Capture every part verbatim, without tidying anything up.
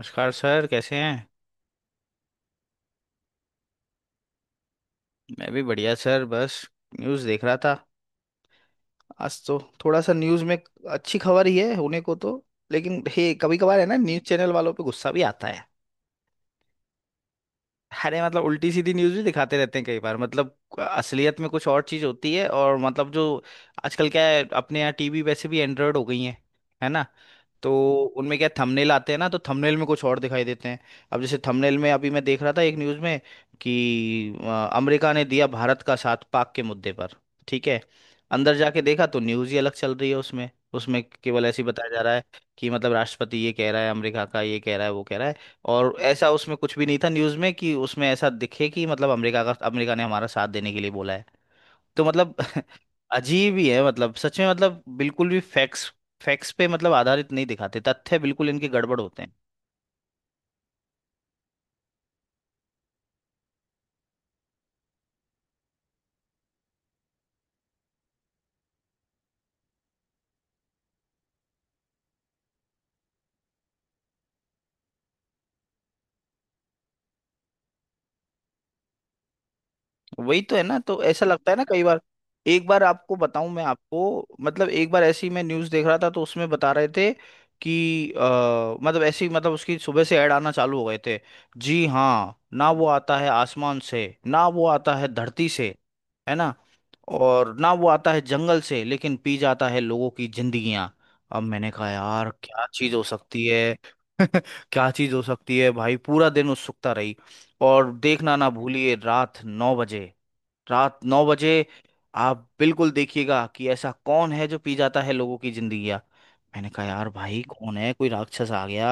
नमस्कार सर, कैसे हैं। मैं भी बढ़िया सर, बस न्यूज़ देख रहा था। आज तो थोड़ा सा न्यूज़ में अच्छी खबर ही है होने को तो, लेकिन हे, कभी कभार है ना, न्यूज़ चैनल वालों पे गुस्सा भी आता है। अरे मतलब उल्टी सीधी न्यूज़ भी दिखाते रहते हैं कई बार, मतलब असलियत में कुछ और चीज़ होती है, और मतलब जो आजकल क्या है, अपने यहाँ टीवी वैसे भी एंड्रॉयड हो गई हैं, है ना। तो उनमें क्या थंबनेल आते हैं ना, तो थंबनेल में कुछ और दिखाई देते हैं। अब जैसे थंबनेल में अभी मैं देख रहा था एक न्यूज़ में कि अ, अमेरिका ने दिया भारत का साथ पाक के मुद्दे पर। ठीक है, अंदर जाके देखा तो न्यूज़ ही अलग चल रही है उसमें। उसमें केवल ऐसे ही बताया जा रहा है कि मतलब राष्ट्रपति ये कह रहा है, अमेरिका का ये कह रहा है, वो कह रहा है। और ऐसा उसमें कुछ भी नहीं था न्यूज़ में कि उसमें ऐसा दिखे कि मतलब अमेरिका का, अमेरिका ने हमारा साथ देने के लिए बोला है। तो मतलब। अजीब ही है, मतलब सच में, मतलब बिल्कुल भी फैक्ट्स फैक्ट्स पे मतलब आधारित नहीं दिखाते, तथ्य बिल्कुल इनके गड़बड़ होते हैं। वही तो है ना, तो ऐसा लगता है ना कई बार। एक बार आपको बताऊं। मैं आपको मतलब एक बार ऐसी मैं न्यूज़ देख रहा था तो उसमें बता रहे थे कि अ, मतलब ऐसी मतलब उसकी सुबह से ऐड आना चालू हो गए थे। जी हाँ, ना वो आता है आसमान से, ना वो आता है धरती से। है ना। और ना वो आता है जंगल से, लेकिन पी जाता है लोगों की जिंदगियां। अब मैंने कहा यार क्या चीज हो सकती है। क्या चीज हो सकती है भाई। पूरा दिन उत्सुकता रही। और देखना ना भूलिए रात नौ बजे। रात नौ बजे। आप बिल्कुल देखिएगा कि ऐसा कौन है जो पी जाता है लोगों की जिंदगी। मैंने कहा यार भाई कौन है, कोई राक्षस आ गया।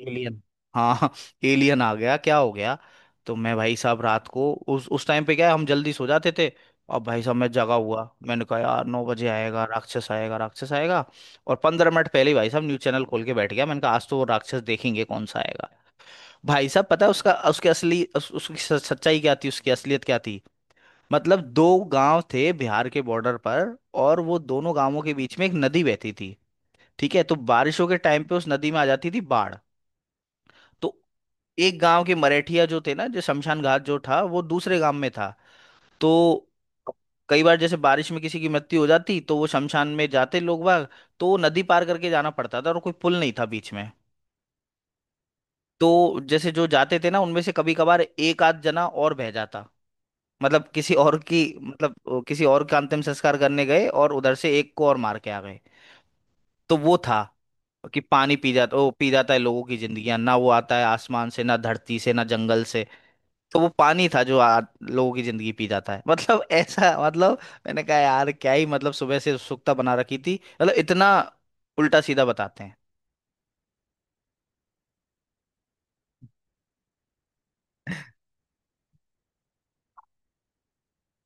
एलियन। हाँ एलियन आ गया, क्या हो गया। तो मैं भाई साहब रात को उस उस टाइम पे क्या है, हम जल्दी सो जाते थे। अब भाई साहब मैं जगा हुआ, मैंने कहा यार नौ बजे आएगा राक्षस, आएगा राक्षस आएगा। और पंद्रह मिनट पहले ही भाई साहब न्यूज चैनल खोल के बैठ गया, मैंने कहा आज तो वो राक्षस देखेंगे कौन सा आएगा। भाई साहब पता है उसका उसकी असली उस, उसकी सच- सच्चाई क्या थी, उसकी असलियत क्या थी। मतलब दो गांव थे बिहार के बॉर्डर पर। और वो दोनों गांवों के बीच में एक नदी बहती थी। ठीक है, तो बारिशों के टाइम पे उस नदी में आ जाती थी बाढ़। तो एक गांव के मरेठिया जो थे ना, जो शमशान घाट जो था वो दूसरे गांव में था। तो कई बार जैसे बारिश में किसी की मृत्यु हो जाती तो वो शमशान में जाते लोग बाग। तो वो नदी पार करके जाना पड़ता था, और कोई पुल नहीं था बीच में। तो जैसे जो जाते थे ना, उनमें से कभी कभार एक आध जना और बह जाता। मतलब किसी और की मतलब अ, किसी और का अंतिम संस्कार करने गए और उधर से एक को और मार के आ गए। तो वो था कि पानी पी जाता, ओ पी जाता है लोगों की जिंदगियां, ना वो आता है आसमान से, ना धरती से, ना जंगल से। तो वो पानी था जो आ, लोगों की जिंदगी पी जाता है। मतलब ऐसा मतलब। मैंने कहा यार क्या ही, मतलब सुबह से उत्सुकता बना रखी थी, मतलब इतना उल्टा सीधा बताते हैं।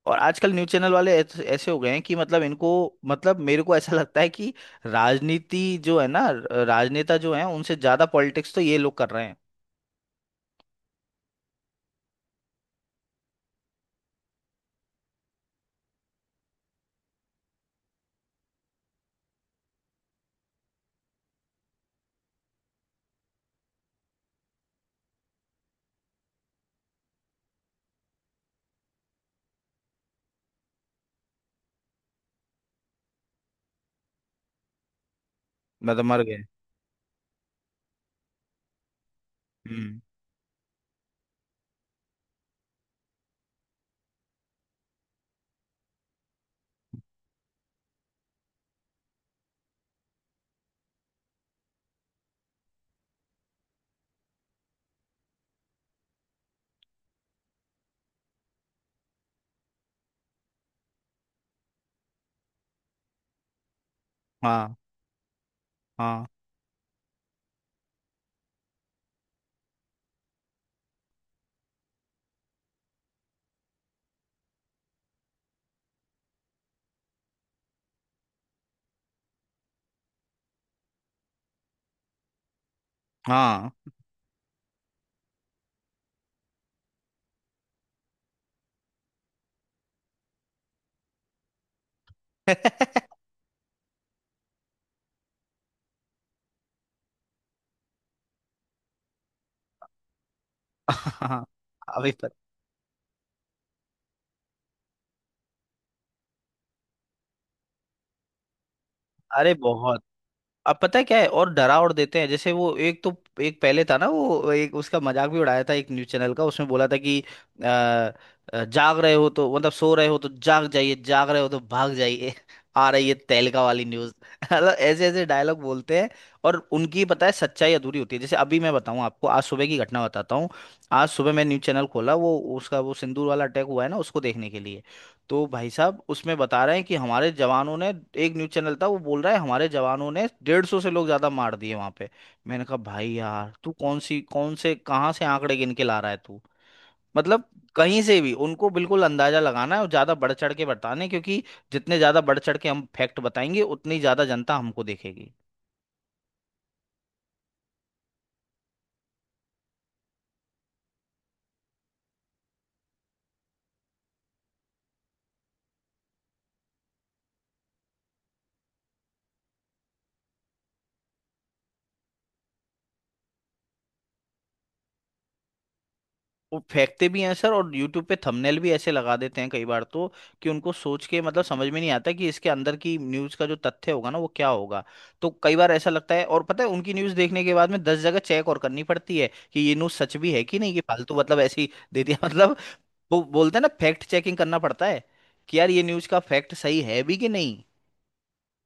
और आजकल न्यूज़ चैनल वाले ऐस- ऐसे हो गए हैं कि मतलब इनको, मतलब मेरे को ऐसा लगता है कि राजनीति जो है ना, र- राजनेता जो है उनसे ज्यादा पॉलिटिक्स तो ये लोग कर रहे हैं। मैं तो मर गए। हम्म। हाँ, हाँ, हाँ हाँ। अभी पता। अरे बहुत। अब पता है क्या है, और डरा और देते हैं। जैसे वो एक तो एक पहले था ना, वो एक उसका मजाक भी उड़ाया था, एक न्यूज चैनल का, उसमें बोला था कि अ, अ, जाग रहे हो तो मतलब सो रहे हो तो जाग जाइए, जाग रहे हो तो भाग जाइए। आ रही है तहलका वाली न्यूज। मतलब ऐसे ऐसे डायलॉग बोलते हैं। और उनकी पता है सच्चाई अधूरी होती है। जैसे अभी मैं बताऊं आपको, आज सुबह की घटना बताता हूँ। आज सुबह मैं न्यूज चैनल खोला, वो उसका वो सिंदूर वाला अटैक हुआ है ना, उसको देखने के लिए। तो भाई साहब उसमें बता रहे हैं कि हमारे जवानों ने, एक न्यूज चैनल था वो बोल रहा है हमारे जवानों ने डेढ़ सौ से लोग ज्यादा मार दिए वहां पे। मैंने कहा भाई यार, तू कौन सी कौन से कहाँ से आंकड़े गिन के ला रहा है तू। मतलब कहीं से भी उनको, बिल्कुल अंदाजा लगाना है और ज्यादा बढ़ चढ़ के बताने, क्योंकि जितने ज्यादा बढ़ चढ़ के हम फैक्ट बताएंगे उतनी ज्यादा जनता हमको देखेगी। वो फेंकते भी हैं सर, और यूट्यूब पे थंबनेल भी ऐसे लगा देते हैं कई बार तो, कि उनको सोच के मतलब समझ में नहीं आता कि इसके अंदर की न्यूज़ का जो तथ्य होगा ना, वो क्या होगा। तो कई बार ऐसा लगता है, और पता है उनकी न्यूज़ देखने के बाद में दस जगह चेक और करनी पड़ती है कि ये न्यूज़ सच भी है कि नहीं, कि फालतू मतलब ऐसी ही दे दिया। मतलब। वो बोलते हैं ना, फैक्ट चेकिंग करना पड़ता है कि यार ये न्यूज़ का फैक्ट सही है भी कि नहीं,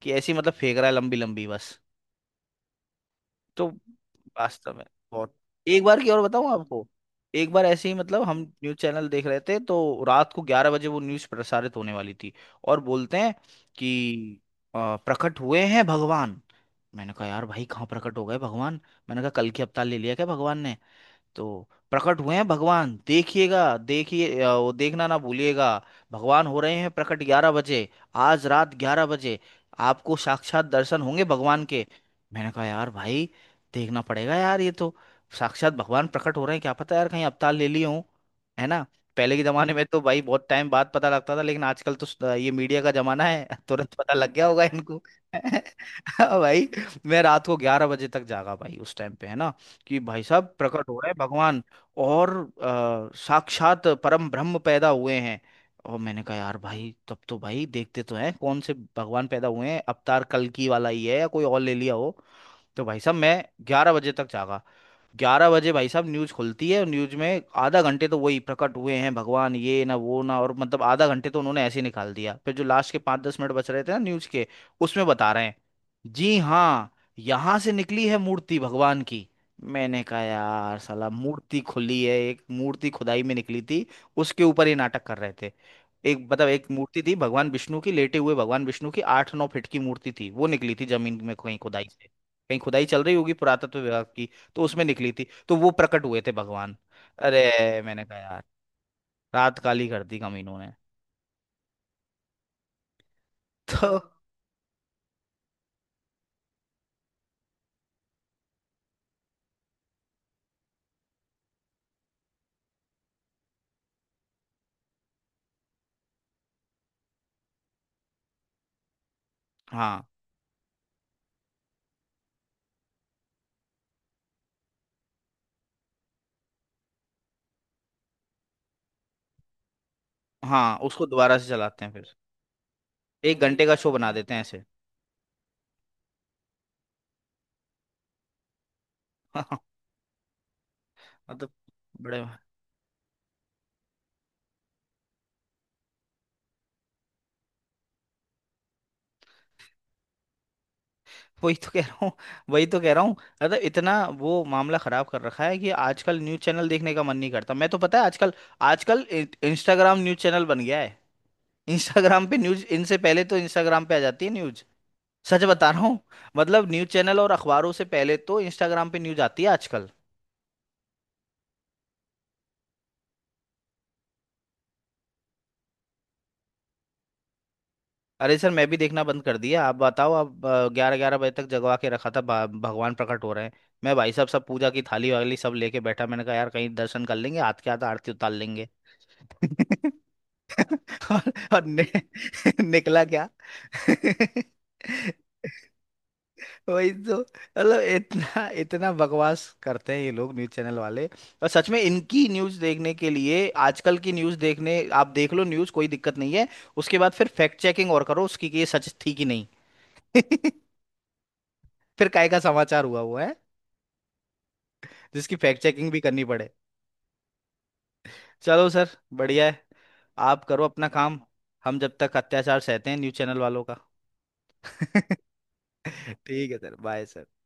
कि ऐसी मतलब फेंक रहा है लंबी लंबी बस। तो वास्तव में बहुत। एक बार की और बताऊं आपको। एक बार ऐसे ही मतलब हम न्यूज चैनल देख रहे थे, तो रात को ग्यारह बजे वो न्यूज प्रसारित होने वाली थी। और बोलते हैं कि अ, प्रकट हुए हैं भगवान। मैंने कहा यार भाई कहाँ प्रकट हो गए भगवान। मैंने कहा कल की अवतार ले लिया क्या भगवान ने। तो प्रकट हुए हैं भगवान देखिएगा, देखिए अ, वो देखना ना भूलिएगा। भगवान हो रहे हैं प्रकट ग्यारह बजे। आज रात ग्यारह बजे। आपको साक्षात दर्शन होंगे भगवान के। मैंने कहा यार भाई, देखना पड़ेगा यार ये तो। साक्षात भगवान प्रकट हो रहे हैं, क्या पता यार कहीं अवतार ले लिए हों। है ना। पहले के जमाने में तो भाई बहुत टाइम बाद पता लगता था, लेकिन आजकल तो स- ये मीडिया का जमाना है। तुरंत पता लग गया होगा इनको। भाई। मैं रात को ग्यारह बजे तक जागा भाई, उस टाइम पे है ना, कि भाई साहब प्रकट हो रहे हैं भगवान। और अ, साक्षात परम ब्रह्म पैदा हुए हैं। और मैंने कहा यार भाई, तब तो भाई देखते तो हैं कौन से भगवान पैदा हुए हैं, अवतार कल्कि वाला ही है या कोई और ले लिया हो। तो भाई साहब मैं ग्यारह बजे तक जागा। ग्यारह बजे भाई साहब न्यूज़ खुलती है, और न्यूज़ में आधा घंटे तो वही प्रकट हुए हैं भगवान ये ना वो ना, और मतलब आधा घंटे तो उन्होंने ऐसे ही निकाल दिया। फिर जो लास्ट के पाँच दस मिनट बच रहे थे ना न्यूज़ के, उसमें बता रहे हैं, जी हाँ, यहाँ से निकली है मूर्ति भगवान की। मैंने कहा यार साला मूर्ति खुली है, एक मूर्ति खुदाई में निकली थी। उसके ऊपर ये नाटक कर रहे थे। एक मतलब एक मूर्ति थी भगवान विष्णु की, लेटे हुए भगवान विष्णु की आठ नौ फीट की मूर्ति थी, वो निकली थी जमीन में कहीं खुदाई से। कहीं खुदाई चल रही होगी पुरातत्व विभाग की। तो उसमें निकली थी, तो वो प्रकट हुए थे भगवान। अरे। मैंने कहा यार रात काली कर दी कमीनों ने। तो हाँ। हाँ, उसको दोबारा से चलाते हैं फिर। एक घंटे का शो बना देते हैं ऐसे। मतलब बड़े। वही तो कह रहा हूँ। वही तो कह रहा हूँ, मतलब इतना वो मामला खराब कर रखा है कि आजकल न्यूज चैनल देखने का मन नहीं करता। मैं तो पता है आजकल, आजकल इंस्टाग्राम न्यूज चैनल बन गया है। इंस्टाग्राम पे न्यूज, इनसे पहले तो इंस्टाग्राम पे आ जाती है न्यूज। सच बता रहा हूँ। मतलब न्यूज़ चैनल और अखबारों से पहले तो इंस्टाग्राम पे न्यूज़ आती है आजकल। अरे सर, मैं भी देखना बंद कर दिया। आप बताओ आप। ग्यारह ग्यारह बजे तक जगवा के रखा था, भा- भगवान प्रकट हो रहे हैं। मैं भाई साहब सब पूजा की थाली वाली सब लेके बैठा, मैंने कहा यार कहीं दर्शन कर लेंगे, हाथ के हाथ आरती उतार लेंगे। और, और नि, निकला क्या। वही तो मतलब इतना इतना बकवास करते हैं ये लोग न्यूज़ चैनल वाले। और सच में इनकी न्यूज़ देखने के लिए, आजकल की न्यूज़ देखने आप देख लो न्यूज़, कोई दिक्कत नहीं है। उसके बाद फिर फैक्ट चेकिंग और करो उसकी कि ये सच थी कि नहीं। फिर काय का समाचार हुआ हुआ है जिसकी फैक्ट चेकिंग भी करनी पड़े। चलो सर, बढ़िया है, आप करो अपना काम। हम जब तक अत्याचार सहते हैं न्यूज़ चैनल वालों का। ठीक है सर, बाय सर।